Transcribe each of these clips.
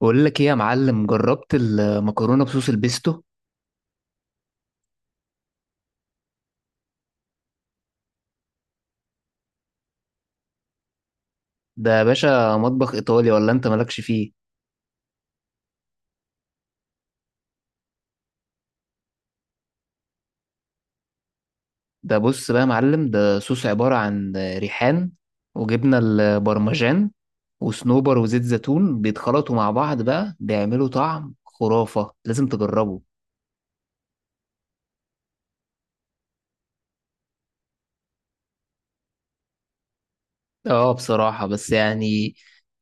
بقول لك ايه يا معلم؟ جربت المكرونه بصوص البيستو؟ ده يا باشا مطبخ ايطالي، ولا انت مالكش فيه؟ ده بص بقى يا معلم، ده صوص عباره عن ريحان وجبنه البرمجان وصنوبر وزيت زيتون، بيتخلطوا مع بعض بقى، بيعملوا طعم خرافه، لازم تجربه. اه بصراحه، بس يعني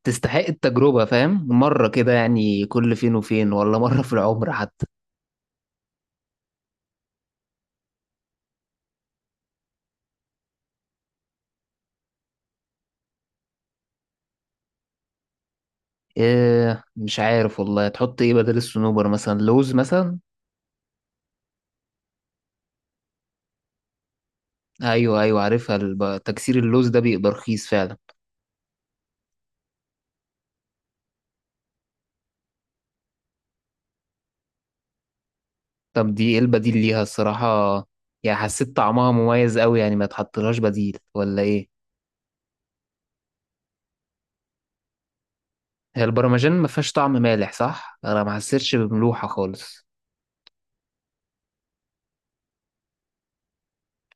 تستحق التجربه، فاهم؟ مره كده يعني، كل فين وفين، ولا مره في العمر حتى. إيه مش عارف والله، تحط ايه بدل الصنوبر؟ مثلا لوز مثلا. ايوه ايوه عارفها. تكسير اللوز ده بيبقى رخيص فعلا. طب دي ايه البديل ليها الصراحه؟ يعني حسيت طعمها مميز قوي، يعني ما تحطلهاش بديل ولا ايه؟ هي البرمجان ما فيهاش طعم مالح صح، انا ما حسيتش بملوحه خالص.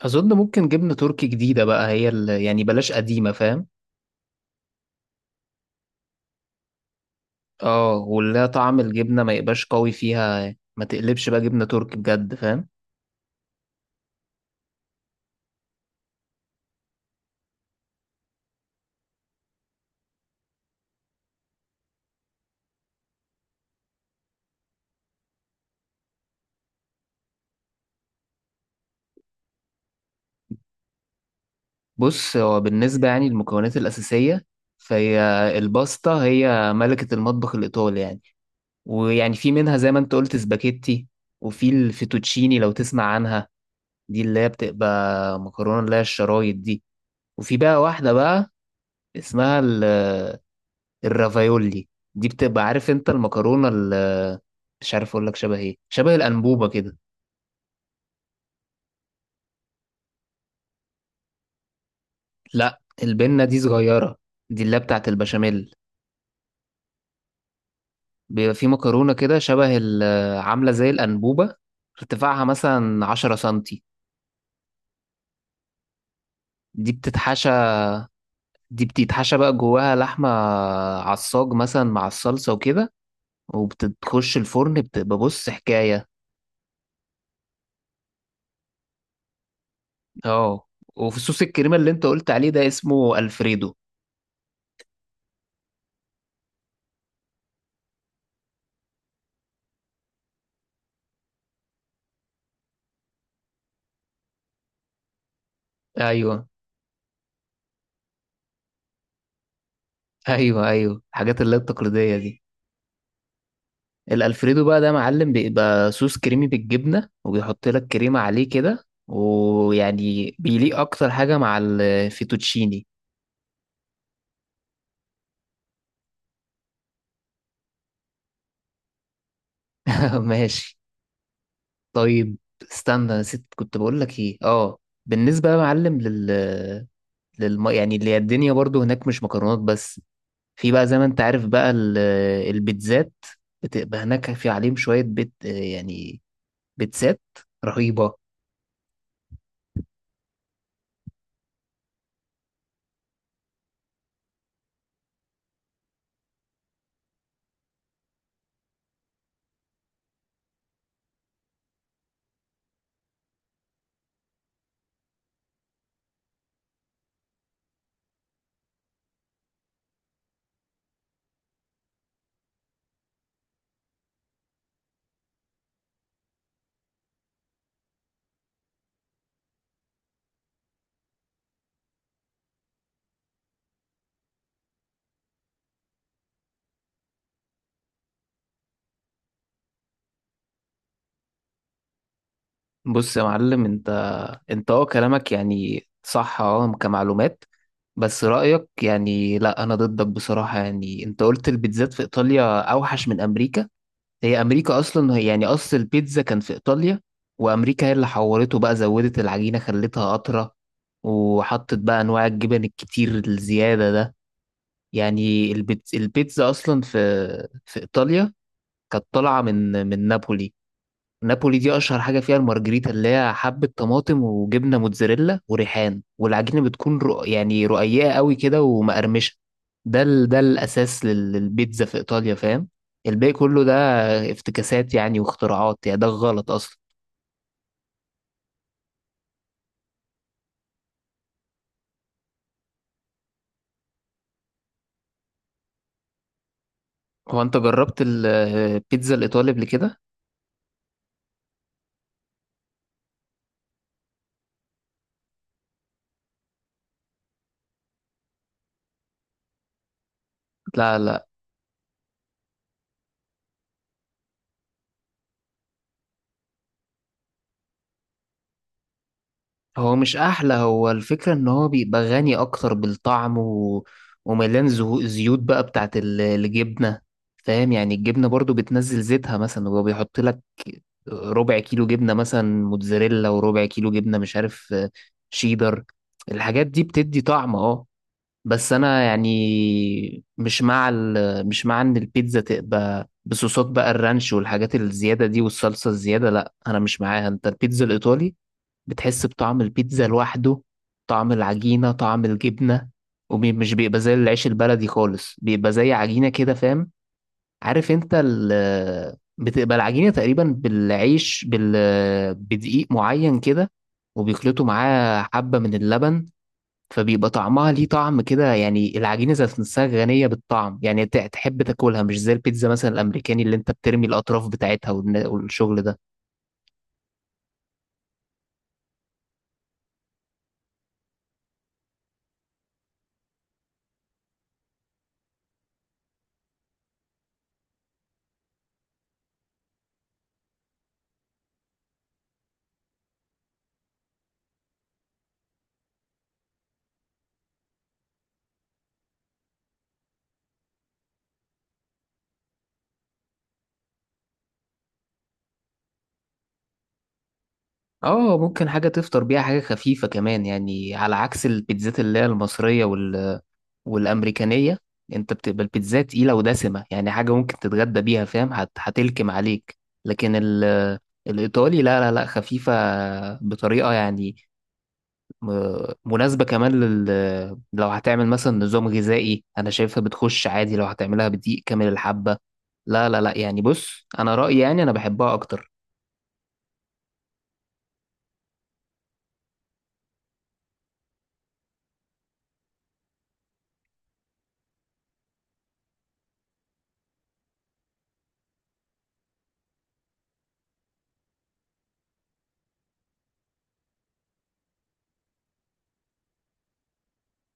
اظن ممكن جبنه تركي جديده بقى، هي اللي يعني بلاش قديمه، فاهم؟ اه، ولا طعم الجبنه ما يبقاش قوي فيها، ما تقلبش بقى جبنه تركي بجد، فاهم؟ بص، هو بالنسبه يعني للمكونات الاساسيه، فهي الباستا هي ملكه المطبخ الايطالي يعني. ويعني في منها زي ما انت قلت سباكيتي، وفي الفيتوتشيني لو تسمع عنها، دي اللي هي بتبقى مكرونة اللي هي الشرايط دي. وفي بقى واحدة بقى اسمها الرافايولي. دي بتبقى عارف انت المكرونة مش عارف اقول لك شبه ايه، شبه الأنبوبة كده. لا البنة دي صغيرة، دي اللي هي بتاعت البشاميل. بيبقى في مكرونة كده شبه عاملة زي الأنبوبة، ارتفاعها مثلا 10 سنتي. دي بتتحشى دي بتتحشى بقى جواها لحمة عصاج مثلا مع الصلصة وكده، وبتخش الفرن، بتبقى بص حكاية. اه. وفي صوص الكريمة اللي انت قلت عليه ده اسمه الفريدو. ايوه ايوه ايوه الحاجات اللي هي التقليدية دي. الالفريدو بقى ده معلم، بيبقى صوص كريمي بالجبنة، وبيحط لك كريمة عليه كده، ويعني بيليق اكتر حاجة مع الفيتوتشيني. ماشي. طيب، استنى، نسيت كنت بقول لك ايه. اه، بالنسبة يا معلم يعني اللي هي الدنيا برضو هناك مش مكرونات بس. في بقى زي ما انت عارف بقى البيتزات، بتبقى هناك في عليهم شوية بيت يعني، بيتزات رهيبة. بص يا معلم، انت اه كلامك يعني صح اه كمعلومات. بس رأيك يعني لا انا ضدك بصراحة. يعني انت قلت البيتزات في ايطاليا اوحش من امريكا، هي امريكا اصلا هي يعني اصل البيتزا كان في ايطاليا، وامريكا هي اللي حورته بقى، زودت العجينه خلتها اطرى، وحطت بقى انواع الجبن الكتير الزياده ده. يعني البيتزا اصلا في ايطاليا كانت طالعه من نابولي. نابولي دي اشهر حاجه فيها المارجريتا، اللي هي حبه طماطم وجبنه موتزاريلا وريحان، والعجينه بتكون يعني رقيقه قوي كده ومقرمشه. ده الاساس للبيتزا في ايطاليا، فاهم؟ الباقي كله ده افتكاسات يعني واختراعات يعني، ده غلط اصلا. هو انت جربت البيتزا الايطالي قبل كده؟ لا لا، هو مش احلى، هو الفكرة ان هو بيبقى غني اكتر بالطعم، ومليان زيوت بقى بتاعت الجبنة، فاهم؟ يعني الجبنة برضو بتنزل زيتها، مثلا هو بيحط لك ربع كيلو جبنة مثلا موتزاريلا، وربع كيلو جبنة مش عارف شيدر، الحاجات دي بتدي طعم اه. بس انا يعني مش مع ان البيتزا تبقى بصوصات بقى، الرانش والحاجات الزيادة دي والصلصة الزيادة، لا انا مش معاها. انت البيتزا الايطالي بتحس بطعم البيتزا لوحده، طعم العجينة طعم الجبنة، ومش بيبقى زي العيش البلدي خالص، بيبقى زي عجينة كده، فاهم؟ عارف انت ال بتبقى العجينة تقريبا بالعيش بال بدقيق معين كده، وبيخلطوا معاه حبة من اللبن، فبيبقى طعمها ليه طعم كده. يعني العجينة ذات نفسها غنية بالطعم، يعني تحب تاكلها، مش زي البيتزا مثلا الأمريكاني اللي انت بترمي الأطراف بتاعتها والشغل ده. اه ممكن حاجة تفطر بيها، حاجة خفيفة كمان، يعني على عكس البيتزات اللي هي المصرية والأمريكانية، انت بتبقى البيتزا تقيلة ودسمة، يعني حاجة ممكن تتغدى بيها، فاهم؟ هتلكم عليك. لكن الإيطالي لا لا لا، خفيفة بطريقة يعني مناسبة كمان لو هتعمل مثلا نظام غذائي، أنا شايفها بتخش عادي لو هتعملها بدقيق كامل الحبة. لا لا لا يعني بص، أنا رأيي يعني أنا بحبها أكتر.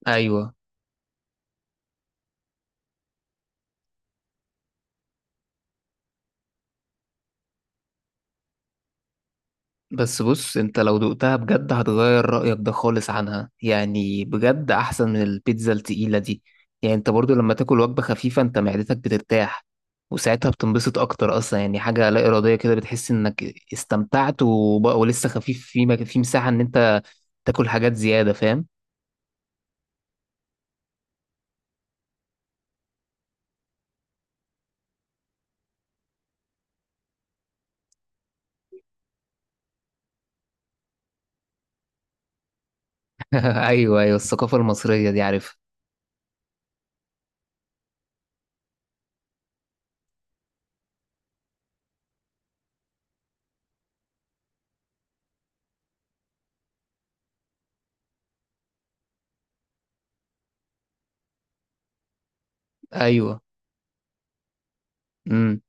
أيوه. بس بص، انت لو دقتها بجد هتغير رأيك ده خالص عنها، يعني بجد احسن من البيتزا التقيلة دي. يعني انت برضو لما تاكل وجبة خفيفة، انت معدتك بترتاح، وساعتها بتنبسط اكتر اصلا، يعني حاجة لا ارادية كده. بتحس انك استمتعت، ولسه خفيف في في مساحة ان انت تاكل حاجات زيادة، فاهم؟ ايوه ايوه الثقافة المصرية دي عارفها. ايوه. امم.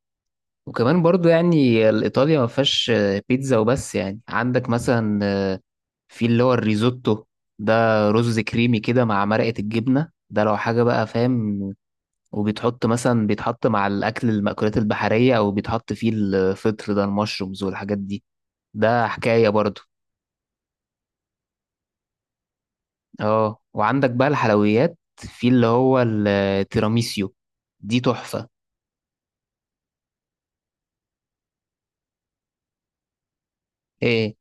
وكمان برضو يعني الإيطاليا ما فيهاش بيتزا وبس، يعني عندك مثلا في اللي هو الريزوتو ده، رز كريمي كده مع مرقة الجبنة، ده لو حاجة بقى، فاهم؟ وبيتحط مثلا بيتحط مع الأكل المأكولات البحرية، أو بيتحط فيه الفطر ده المشرومز والحاجات دي، ده حكاية برضو. اه وعندك بقى الحلويات، في اللي هو التيراميسيو، دي تحفة. ايه،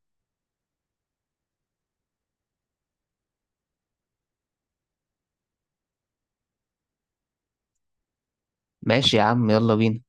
ماشي يا عم، يلا بينا.